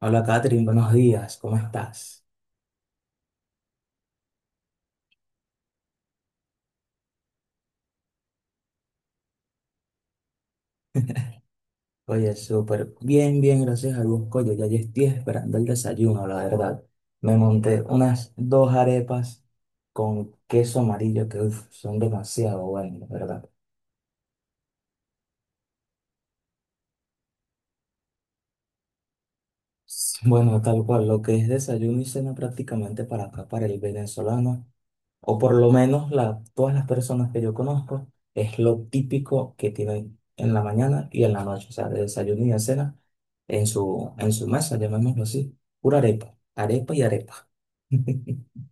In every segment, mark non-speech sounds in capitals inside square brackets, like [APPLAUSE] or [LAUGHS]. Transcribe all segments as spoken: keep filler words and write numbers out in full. Hola Catherine, buenos días, ¿cómo estás? Oye, súper bien, bien, gracias a Dios. Oye, ya yo estoy esperando el desayuno, la verdad. Me monté unas dos arepas con queso amarillo que uf, son demasiado buenas, la verdad. Bueno, tal cual, lo que es desayuno y cena prácticamente para acá, para el venezolano, o por lo menos la, todas las personas que yo conozco, es lo típico que tienen en la mañana y en la noche, o sea, de desayuno y de cena en su, en su mesa, llamémoslo así, pura arepa, arepa y arepa. [LAUGHS]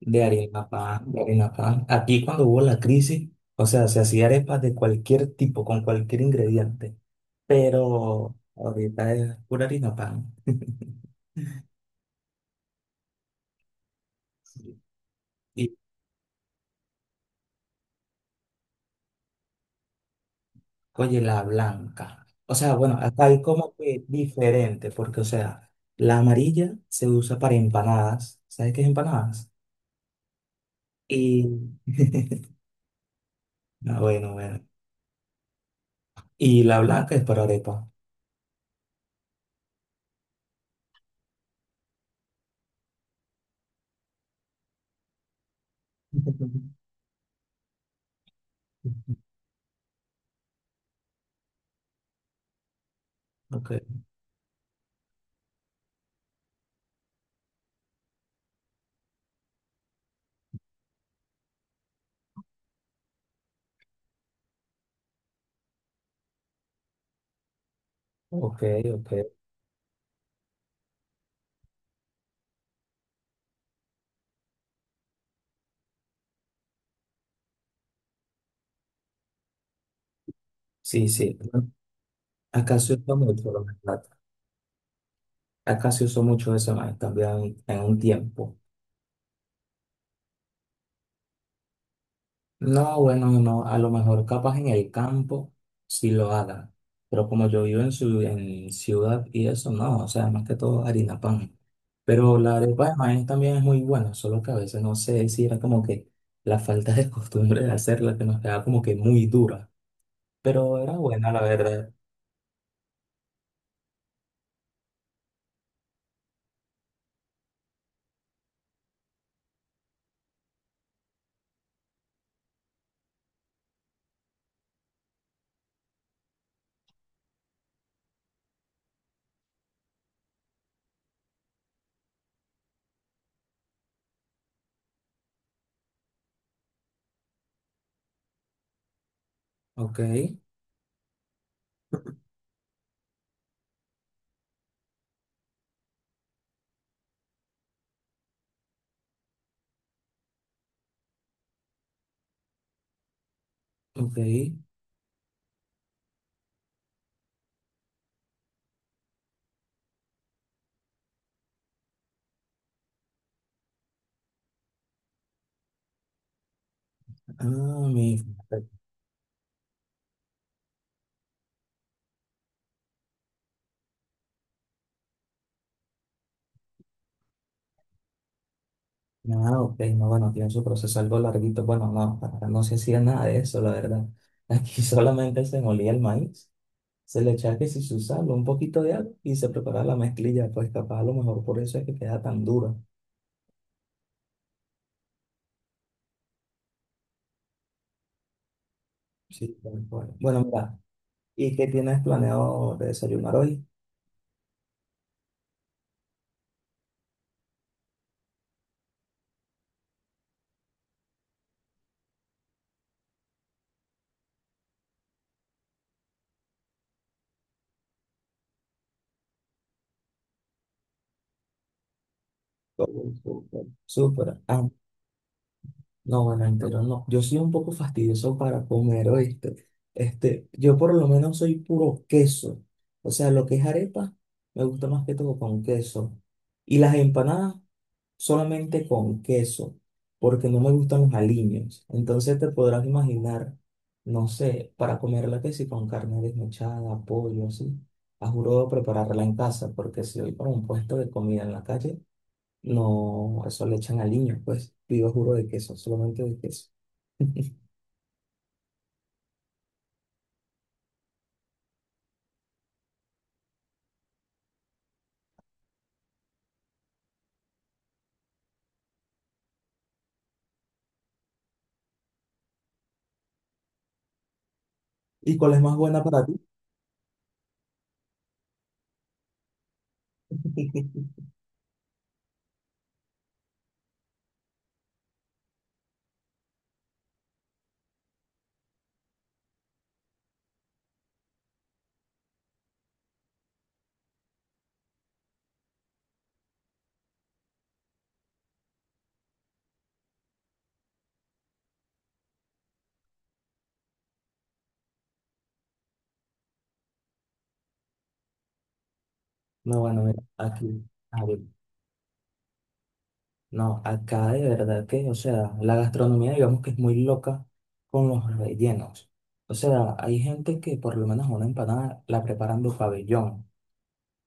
De harina pan, de harina pan. Aquí cuando hubo la crisis, o sea, se hacía arepas de cualquier tipo, con cualquier ingrediente, pero ahorita es pura harina pan. Oye, la blanca. O sea, bueno, acá hay como que diferente, porque, o sea, la amarilla se usa para empanadas. ¿Sabes qué es empanadas? Y, ah, bueno, bueno. Y la blanca es para arepa. [LAUGHS] Ok, ok, ok. Sí, sí. Acá se usa mucho, la verdad. Acá se usó mucho eso, man, también en un tiempo. No, bueno, no, a lo mejor capaz en el campo sí lo haga, pero como yo vivo en, su, en ciudad y eso, no, o sea, más que todo harina pan. Pero la arepa de maíz también es muy buena, solo que a veces no sé si era como que la falta de [LAUGHS] costumbre de hacerla, que nos quedaba como que muy dura, pero era buena la verdad. Ok, ok, ah, mi... Ah, ok, no, bueno, tiene su proceso algo larguito. Bueno, no, acá no se hacía nada de eso, la verdad. [LAUGHS] Aquí solamente se molía el maíz. Se le echa que si su sal, un poquito de agua y se prepara la mezclilla, pues capaz a lo mejor por eso es que queda tan dura. Sí, tal cual. Bueno, mira, ¿y qué tienes planeado de desayunar hoy? Todo súper. Súper. Ah, no, bueno, entero no. Yo soy un poco fastidioso para comer, ¿oíste? Este, yo por lo menos soy puro queso. O sea, lo que es arepa, me gusta más que todo con queso. Y las empanadas solamente con queso, porque no me gustan los aliños. Entonces te podrás imaginar, no sé, para comerla que si con carne desmechada, pollo, así. A juro prepararla en casa, porque si voy para un puesto de comida en la calle, no, eso le echan aliños, pues pido juro de queso, solamente de queso. [LAUGHS] ¿Y cuál es más buena para ti? [LAUGHS] No, bueno, mira, aquí, a ver, no, acá de verdad que, o sea, la gastronomía digamos que es muy loca con los rellenos. O sea, hay gente que por lo menos una empanada la preparan de pabellón.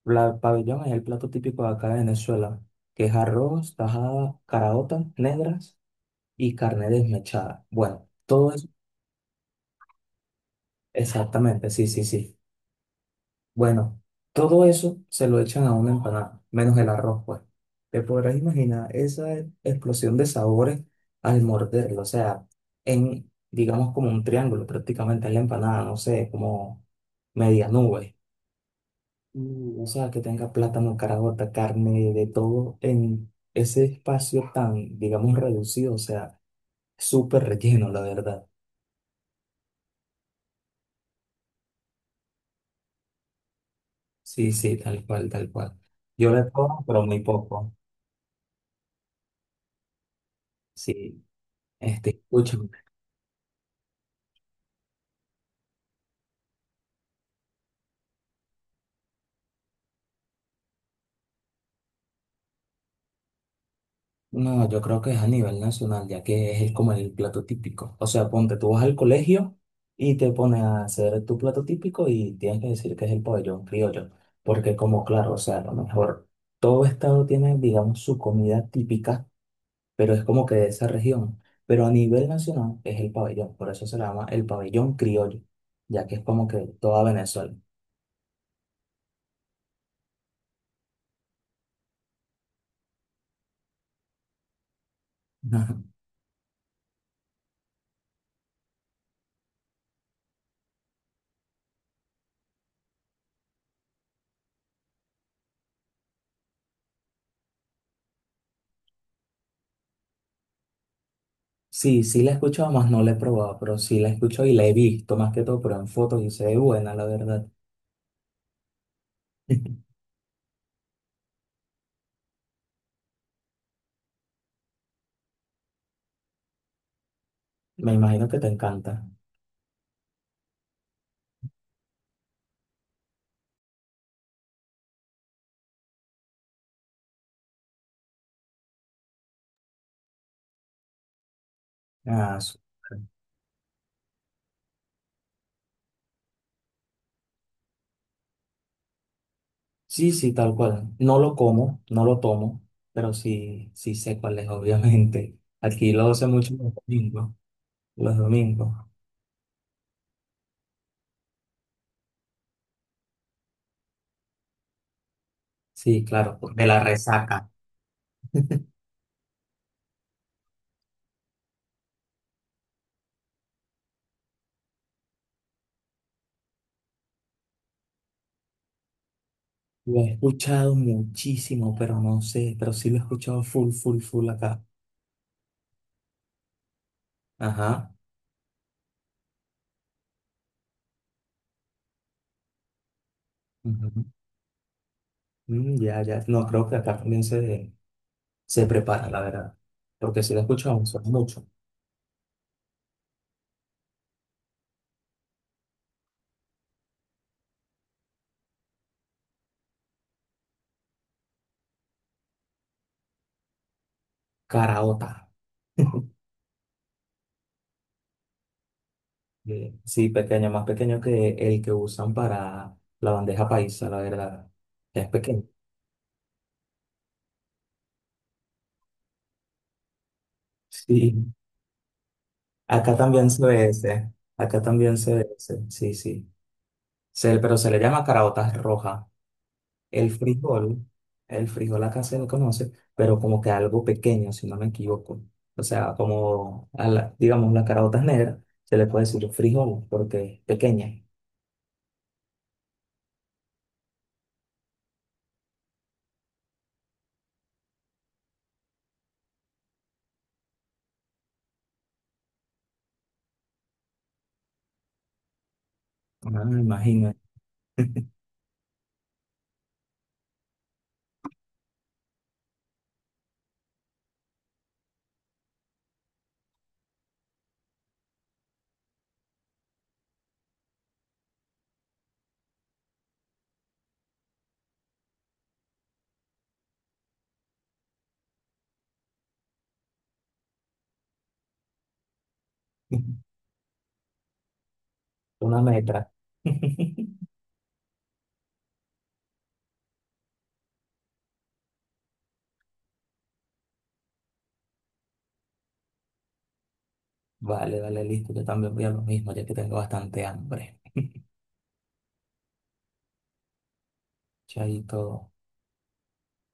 La pabellón es el plato típico de acá de Venezuela, que es arroz, tajada, caraotas negras y carne desmechada. Bueno, todo eso, exactamente, sí, sí, sí. Bueno, todo eso se lo echan a una empanada, menos el arroz, pues. Te podrás imaginar esa e- explosión de sabores al morderlo, o sea, en, digamos, como un triángulo prácticamente en la empanada, no sé, como media nube. Mm, o sea, que tenga plátano, carabota, carne, de todo en ese espacio tan, digamos, reducido, o sea, súper relleno, la verdad. Sí, sí, tal cual, tal cual. Yo le como, pero muy poco. Sí, este, escucha. No, yo creo que es a nivel nacional, ya que es el- como el plato típico. O sea, ponte, tú vas al colegio y te pones a hacer tu plato típico y tienes que decir que es el pabellón criollo. Porque como claro, o sea, a lo mejor todo estado tiene, digamos, su comida típica, pero es como que de esa región. Pero a nivel nacional es el pabellón, por eso se le llama el pabellón criollo, ya que es como que toda Venezuela. [LAUGHS] Ajá. Sí, sí la he escuchado, más no la he probado, pero sí la he escuchado y la he visto más que todo, pero en fotos y se ve buena, la verdad. [LAUGHS] Me imagino que te encanta. Ah, súper. Sí, sí, tal cual. No lo como, no lo tomo, pero sí, sí sé cuál es, [LAUGHS] obviamente. Aquí lo hace mucho los domingos, los domingos. Sí, claro, de la resaca. Lo he escuchado muchísimo, pero no sé, pero sí lo he escuchado full, full, full acá. Ajá. Ujú. Mm, ya, ya. No, creo que acá también se, se prepara, la verdad. Porque sí lo he escuchado, suena mucho. Caraota. Eh, Sí, pequeño, más pequeño que el que usan para la bandeja paisa, la verdad. Es pequeño. Sí, acá también se ve ese. Acá también se ve ese. Sí, sí. Se- pero se le llama caraotas roja. El frijol, el frijol acá se lo conoce, pero como que algo pequeño, si no me equivoco. O sea, como, a la- digamos, las caraotas negras, se le puede decir frijol porque es pequeña. Ah, imagínate. [LAUGHS] Una metra. [LAUGHS] Vale, vale, listo. Yo también voy a lo mismo, ya que tengo bastante hambre. Chaito.